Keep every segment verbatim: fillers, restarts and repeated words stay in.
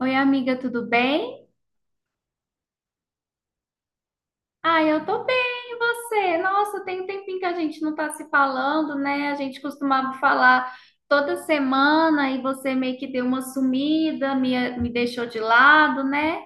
Oi, amiga, tudo bem? Ah, eu tô bem, e você? Nossa, tem um tempinho que a gente não tá se falando, né? A gente costumava falar toda semana e você meio que deu uma sumida, me, me deixou de lado, né?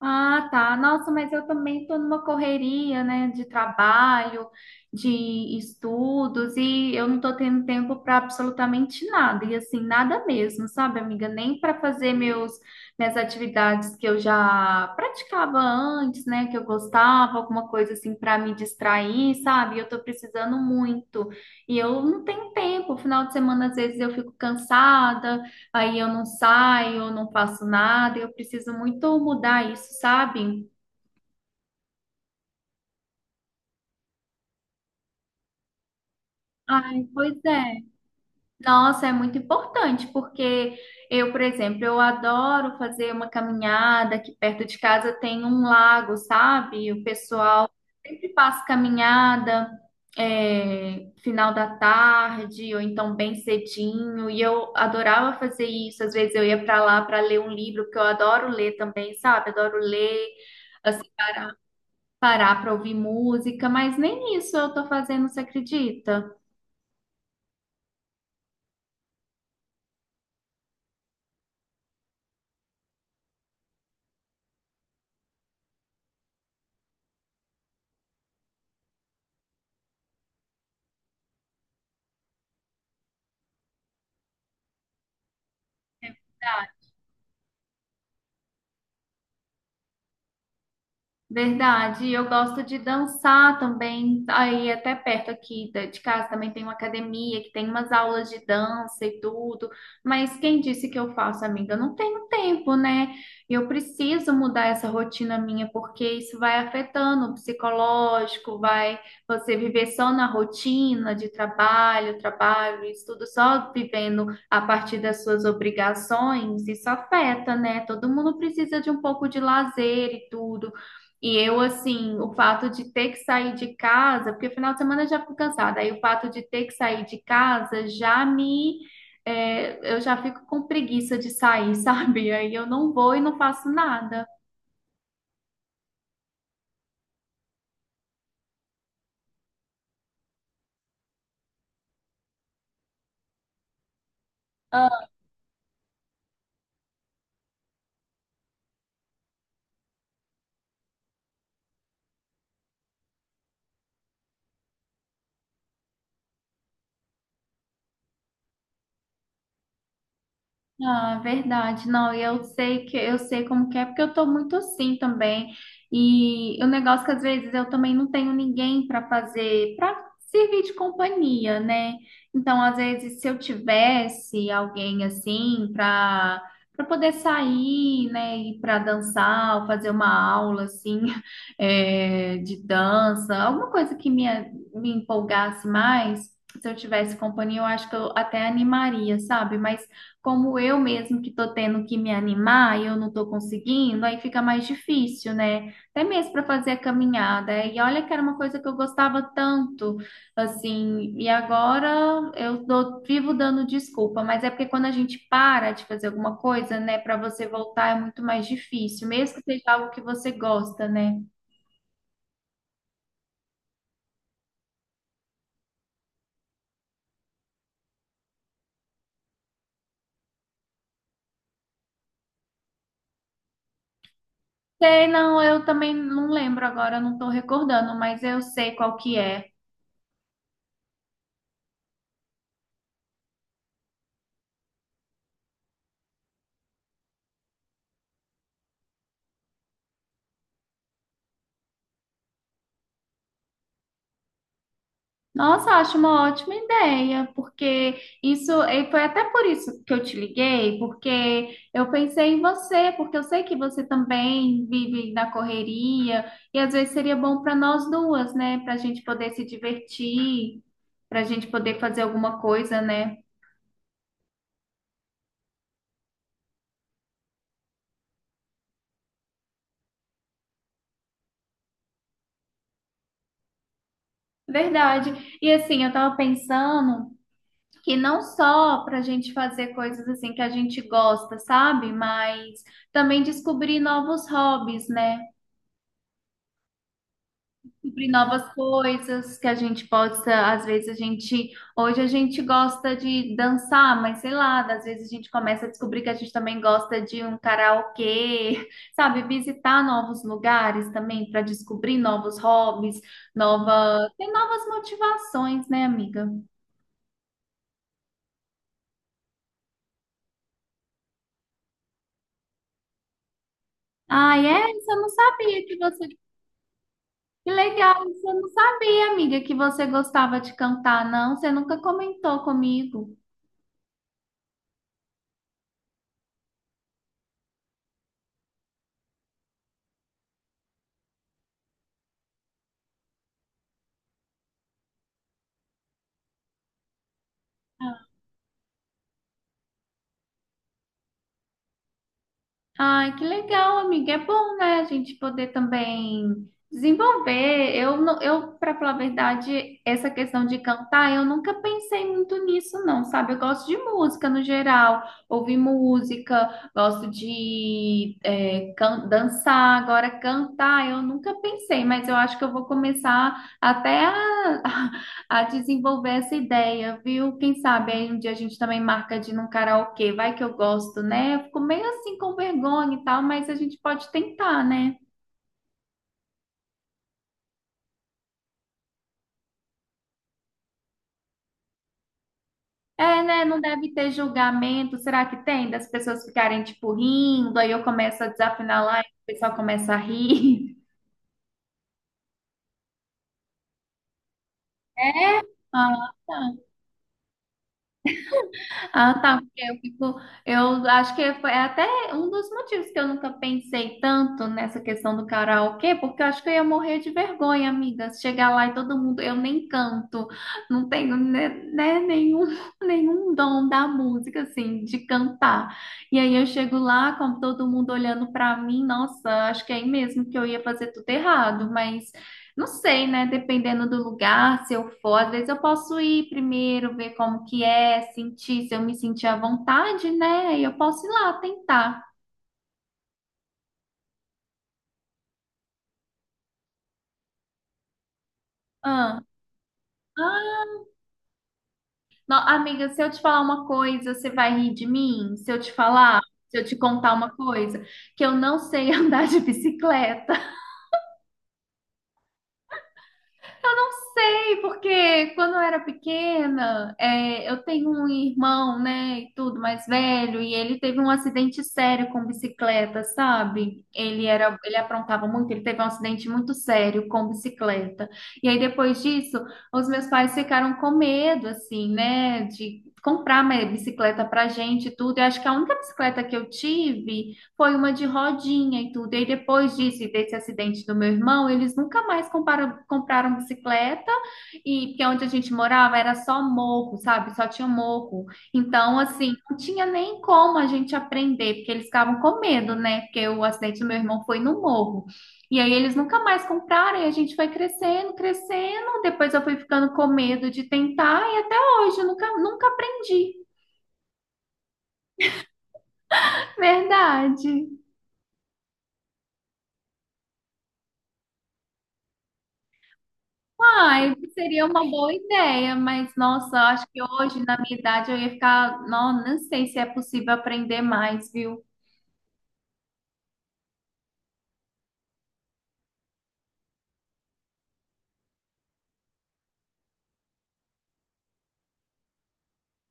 Ah, tá. Nossa, mas eu também estou numa correria, né, de trabalho, de estudos, e eu não estou tendo tempo para absolutamente nada, e assim, nada mesmo, sabe, amiga? Nem para fazer meus minhas atividades que eu já praticava antes, né, que eu gostava, alguma coisa assim para me distrair, sabe? Eu estou precisando muito. E eu não tenho tempo. Final de semana, às vezes eu fico cansada, aí eu não saio, eu não faço nada, eu preciso muito mudar isso, sabe? Ai, pois é. Nossa, é muito importante, porque eu, por exemplo, eu adoro fazer uma caminhada, aqui perto de casa tem um lago, sabe? O pessoal sempre faz caminhada, é, final da tarde, ou então bem cedinho, e eu adorava fazer isso. Às vezes eu ia para lá para ler um livro, porque eu adoro ler também, sabe? Adoro ler. Parar para ouvir música, mas nem isso eu tô fazendo, você acredita? Verdade, eu gosto de dançar também. Aí até perto aqui da- de casa também tem uma academia que tem umas aulas de dança e tudo. Mas quem disse que eu faço, amiga? Eu não tenho tempo, né? Eu preciso mudar essa rotina minha porque isso vai afetando o psicológico, vai você viver só na rotina de trabalho, trabalho, estudo, só vivendo a partir das suas obrigações, isso afeta, né? Todo mundo precisa de um pouco de lazer e tudo. E eu, assim, o fato de ter que sair de casa, porque final de semana eu já fico cansada, aí o fato de ter que sair de casa já me. É, eu já fico com preguiça de sair, sabe? Aí eu não vou e não faço nada. Ah, verdade. Não, e eu sei que eu sei como que é, porque eu tô muito assim também. E o negócio que às vezes eu também não tenho ninguém para fazer, para servir de companhia, né? Então, às vezes, se eu tivesse alguém assim para para poder sair, né, ir para dançar, ou fazer uma aula assim, é, de dança, alguma coisa que me, me empolgasse mais, se eu tivesse companhia, eu acho que eu até animaria, sabe? Mas como eu mesmo que tô tendo que me animar e eu não estou conseguindo, aí fica mais difícil, né? Até mesmo para fazer a caminhada. E olha que era uma coisa que eu gostava tanto, assim, e agora eu dou- vivo dando desculpa, mas é porque quando a gente para de fazer alguma coisa, né, para você voltar é muito mais difícil, mesmo que seja algo que você gosta, né? Sei, não, eu também não lembro agora, eu não estou recordando, mas eu sei qual que é. Nossa, acho uma ótima ideia, porque isso, e foi até por isso que eu te liguei, porque eu pensei em você, porque eu sei que você também vive na correria, e às vezes seria bom para nós duas, né? Para a gente poder se divertir, para a gente poder fazer alguma coisa, né? Verdade. E assim, eu tava pensando que não só para a gente fazer coisas assim que a gente gosta, sabe? Mas também descobrir novos hobbies, né? Descobrir novas coisas que a gente possa, às vezes a gente, hoje a gente gosta de dançar, mas sei lá, às vezes a gente começa a descobrir que a gente também gosta de um karaokê, sabe, visitar novos lugares também para descobrir novos hobbies, nova, tem novas motivações, né, amiga? Ah, é? Isso eu não sabia que você... Que legal, isso eu não sabia, amiga, que você gostava de cantar, não. Você nunca comentou comigo. Ai, que legal, amiga. É bom, né, a gente poder também desenvolver. Eu, não- eu para falar a verdade, essa questão de cantar, eu nunca pensei muito nisso, não, sabe? Eu gosto de música no geral, ouvir música, gosto de é, can- dançar. Agora, cantar, eu nunca pensei, mas eu acho que eu vou começar até a a desenvolver essa ideia, viu? Quem sabe aí um dia a gente também marca de ir num karaokê, vai que eu gosto, né? Eu fico meio assim com vergonha e tal, mas a gente pode tentar, né? É, né? Não deve ter julgamento. Será que tem? Das pessoas ficarem, tipo, rindo, aí eu começo a desafinar lá e o pessoal começa a rir. É, ah, tá. Ah, tá. Porque eu fico, eu acho que foi até um dos motivos que eu nunca pensei tanto nessa questão do karaokê, porque eu acho que eu ia morrer de vergonha, amiga. Se chegar lá e todo mundo, eu nem canto, não tenho né, né, nenhum, nenhum dom da música, assim, de cantar. E aí eu chego lá, com todo mundo olhando pra mim, nossa, acho que é aí mesmo que eu ia fazer tudo errado, mas. Não sei, né? Dependendo do lugar, se eu for, às vezes eu posso ir primeiro, ver como que é, sentir, se eu me sentir à vontade, né? Aí eu posso ir lá tentar. Ah, ah, não, amiga, se eu te falar uma coisa, você vai rir de mim? Se eu te falar, se eu te contar uma coisa, que eu não sei andar de bicicleta. Eu não sei, porque quando eu era pequena, é, eu tenho um irmão, né, e tudo mais velho, e ele teve um acidente sério com bicicleta, sabe? Ele era, ele aprontava muito, ele teve um acidente muito sério com bicicleta. E aí depois disso, os meus pais ficaram com medo, assim, né, de comprar uma bicicleta pra gente e tudo. Eu acho que a única bicicleta que eu tive foi uma de rodinha e tudo. E aí, depois disso e desse acidente do meu irmão, eles nunca mais comparam- compraram bicicleta, e porque é onde a gente morava era só morro, sabe? Só tinha morro. Então, assim, não tinha nem como a gente aprender, porque eles ficavam com medo, né? Porque o acidente do meu irmão foi no morro. E aí eles nunca mais compraram, e a gente foi crescendo, crescendo. Depois eu fui ficando com medo de tentar, e até hoje eu nunca, nunca aprendi. Verdade. Ai, seria uma boa ideia, mas nossa, acho que hoje, na minha idade, eu ia ficar. Não, não sei se é possível aprender mais, viu?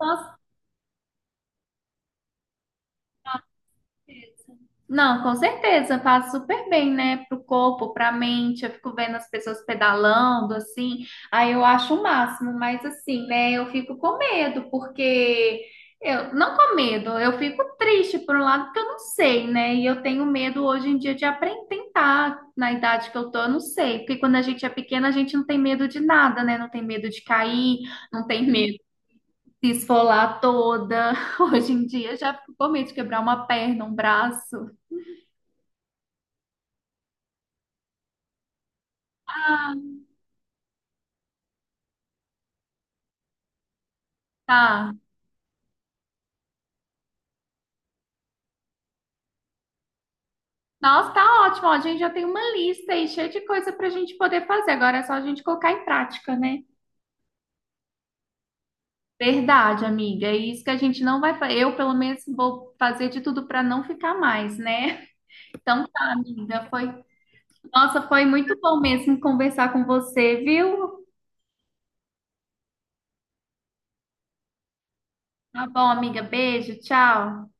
Nossa, não, com certeza, faz super bem, né? Pro corpo, pra mente. Eu fico vendo as pessoas pedalando, assim, aí eu acho o máximo, mas assim, né? Eu fico com medo, porque eu não com medo, eu fico triste por um lado, porque eu não sei, né? E eu tenho medo hoje em dia de aprender, tentar na idade que eu tô, eu não sei. Porque quando a gente é pequena, a gente não tem medo de nada, né? Não tem medo de cair, não tem medo de se esfolar toda. Hoje em dia, eu já fico com medo de quebrar uma perna, um braço. Tá. Nossa, tá ótimo. Ó, a gente já tem uma lista aí cheia de coisa para a gente poder fazer. Agora é só a gente colocar em prática, né? Verdade, amiga. É isso que a gente não vai fazer. Eu, pelo menos, vou fazer de tudo para não ficar mais, né? Então tá, amiga. Foi... Nossa, foi muito bom mesmo conversar com você, viu? Tá bom, amiga. Beijo, tchau.